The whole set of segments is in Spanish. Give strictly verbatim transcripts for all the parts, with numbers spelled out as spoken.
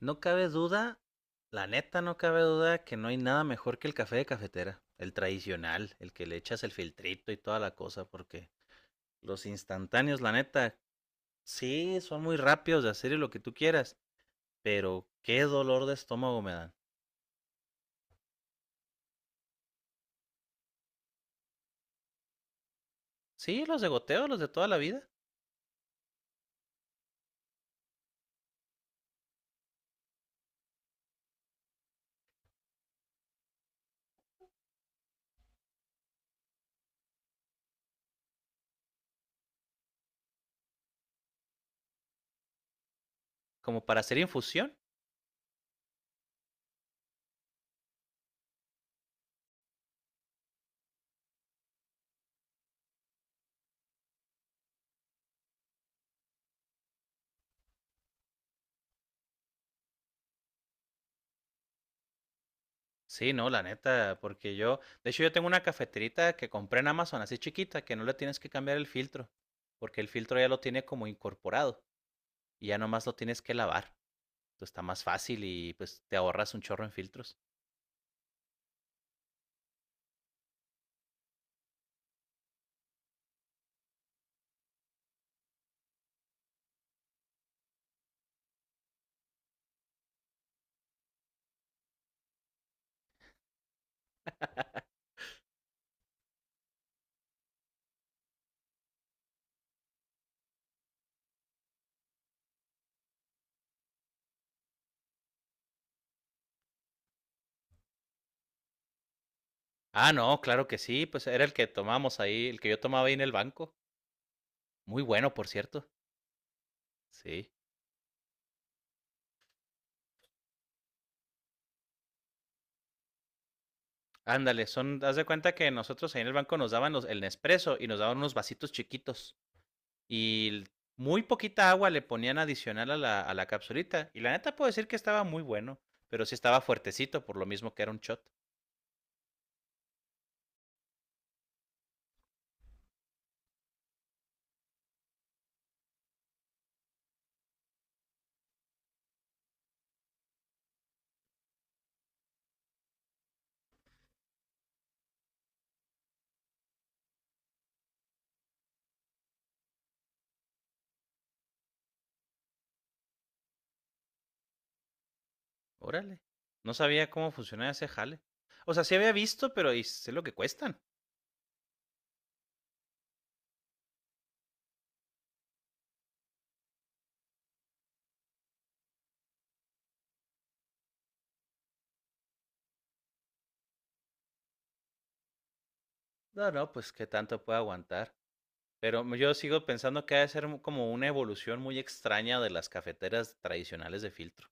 No cabe duda, la neta no cabe duda que no hay nada mejor que el café de cafetera, el tradicional, el que le echas el filtrito y toda la cosa, porque los instantáneos, la neta, sí, son muy rápidos de hacer y lo que tú quieras, pero qué dolor de estómago me dan. Sí, los de goteo, los de toda la vida, como para hacer infusión. Sí, no, la neta, porque yo, de hecho yo tengo una cafeterita que compré en Amazon, así chiquita, que no le tienes que cambiar el filtro, porque el filtro ya lo tiene como incorporado y ya nomás lo tienes que lavar. Pues, está más fácil y pues te ahorras un chorro en filtros. Ah, no, claro que sí, pues era el que tomamos ahí, el que yo tomaba ahí en el banco. Muy bueno, por cierto. Sí. Ándale, son, haz de cuenta que nosotros ahí en el banco nos daban los, el Nespresso y nos daban unos vasitos chiquitos. Y l- Muy poquita agua le ponían adicional a la, a la capsulita. Y la neta puedo decir que estaba muy bueno, pero sí estaba fuertecito, por lo mismo que era un shot. Órale. No sabía cómo funcionaba ese jale. O sea, sí había visto, pero ¿y sé lo que cuestan? No, no, pues qué tanto puede aguantar. Pero m- yo sigo pensando que ha de ser mu- como una evolución muy extraña de las cafeteras tradicionales de filtro.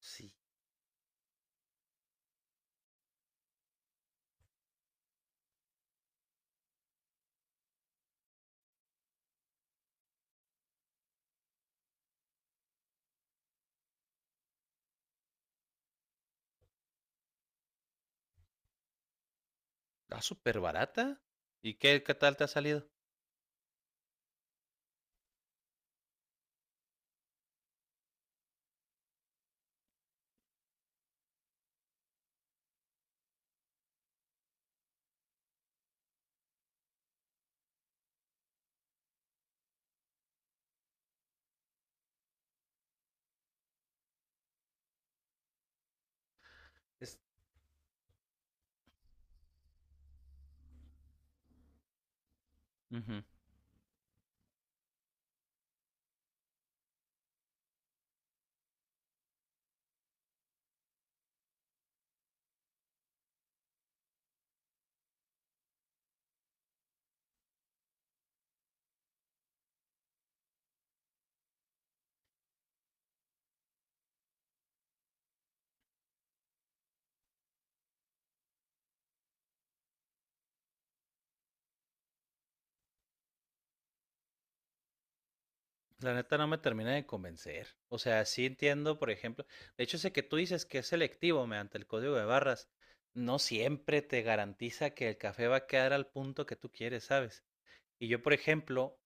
Sí. Está súper barata. ¿Y qué, qué tal te ha salido? Es, Ujú. La neta no me termina de convencer. O sea, sí entiendo, por ejemplo, de hecho ese que tú dices que es selectivo mediante el código de barras, no siempre te garantiza que el café va a quedar al punto que tú quieres, ¿sabes? Y yo, por ejemplo,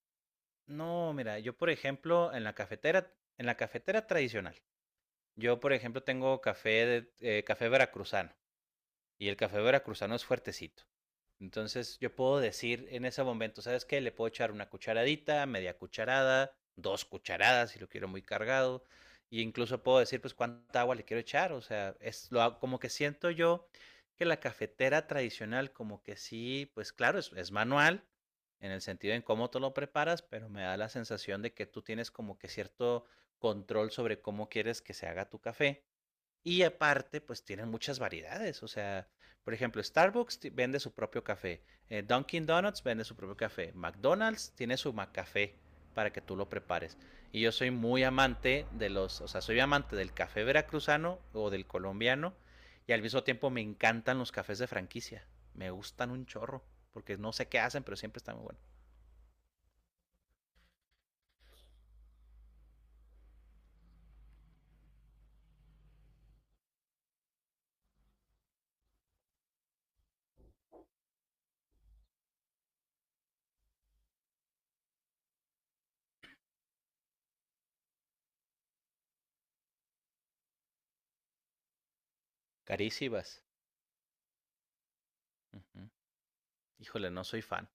no, mira, yo por ejemplo, en la cafetera, en la cafetera tradicional, yo, por ejemplo, tengo café, de, eh, café veracruzano y el café veracruzano es fuertecito. Entonces yo puedo decir en ese momento, ¿sabes qué? Le puedo echar una cucharadita, media cucharada, dos cucharadas si lo quiero muy cargado. Y incluso puedo decir, pues, cuánta agua le quiero echar. O sea, es lo, hago- como que siento yo que la cafetera tradicional, como que sí, pues claro, es, es manual en el sentido en cómo tú lo preparas, pero me da la sensación de que tú tienes como que cierto control sobre cómo quieres que se haga tu café. Y aparte, pues tienen muchas variedades. O sea, por ejemplo, Starbucks vende su propio café. eh, Dunkin' Donuts vende su propio café. McDonald's tiene su café para que tú lo prepares. Y yo soy muy amante de los, o sea, soy amante del café veracruzano o del colombiano. Y al mismo tiempo me encantan los cafés de franquicia. Me gustan un chorro. Porque no sé qué hacen, pero siempre están muy buenos. Carísimas. Ujú. Híjole, no soy fan.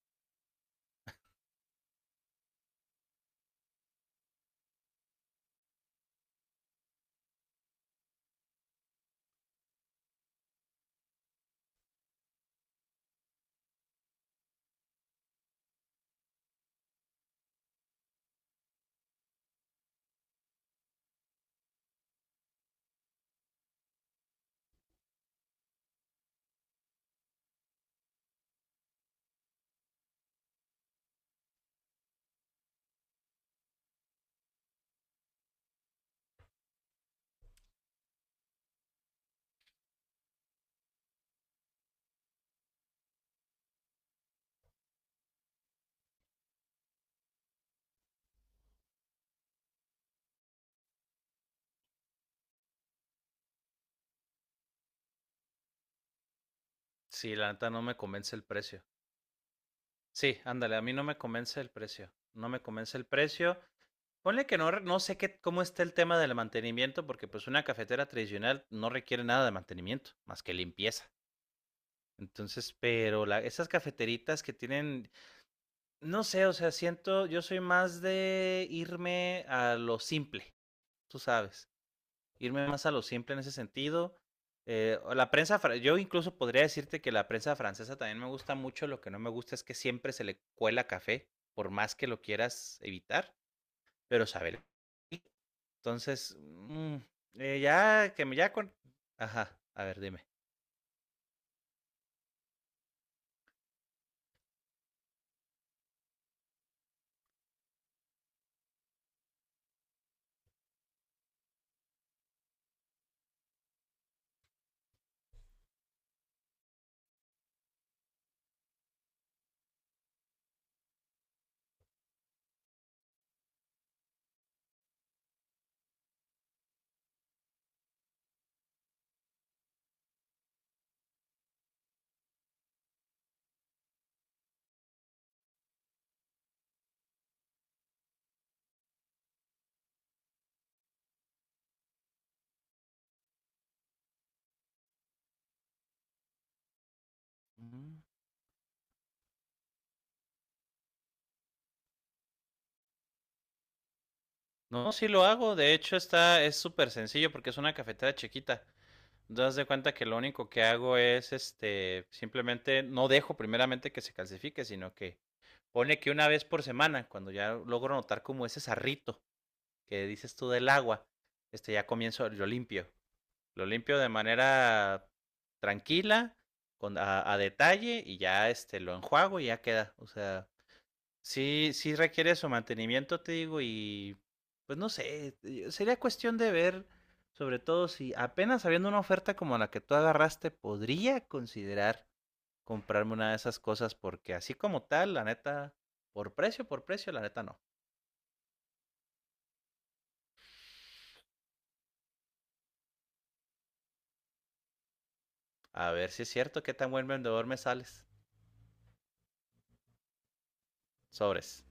Sí, la neta no me convence el precio. Sí, ándale, a mí no me convence el precio, no me convence el precio. Ponle que no, re- no sé qué, cómo está el tema del mantenimiento, porque pues una cafetera tradicional no requiere nada de mantenimiento, más que limpieza. Entonces, pero la, esas cafeteritas que tienen, no sé, o sea, siento, yo soy más de irme a lo simple, tú sabes, irme más a lo simple en ese sentido. Eh, la prensa, yo incluso podría decirte que la prensa francesa también me gusta mucho. Lo que no me gusta es que siempre se le cuela café, por más que lo quieras evitar, pero sabe. Entonces, mm, eh, ya que me ya con. Ajá, a ver, dime. No, sí lo hago. De hecho, está, es súper sencillo porque es una cafetera chiquita. Das de cuenta que lo único que hago es este, simplemente no dejo primeramente que se calcifique, sino que pone que una vez por semana, cuando ya logro notar como ese sarrito que dices tú del agua, este ya comienzo, lo limpio. Lo limpio de manera tranquila, con, a, a detalle, y ya este lo enjuago y ya queda. O sea, sí, sí requiere su mantenimiento, te digo, y pues no sé, eh, sería cuestión de ver, sobre todo si apenas habiendo una oferta como la que tú agarraste, podría considerar comprarme una de esas cosas, porque así como tal, la neta, por precio, por precio, la neta no. A ver si es cierto, qué tan buen vendedor me sales. Sobres.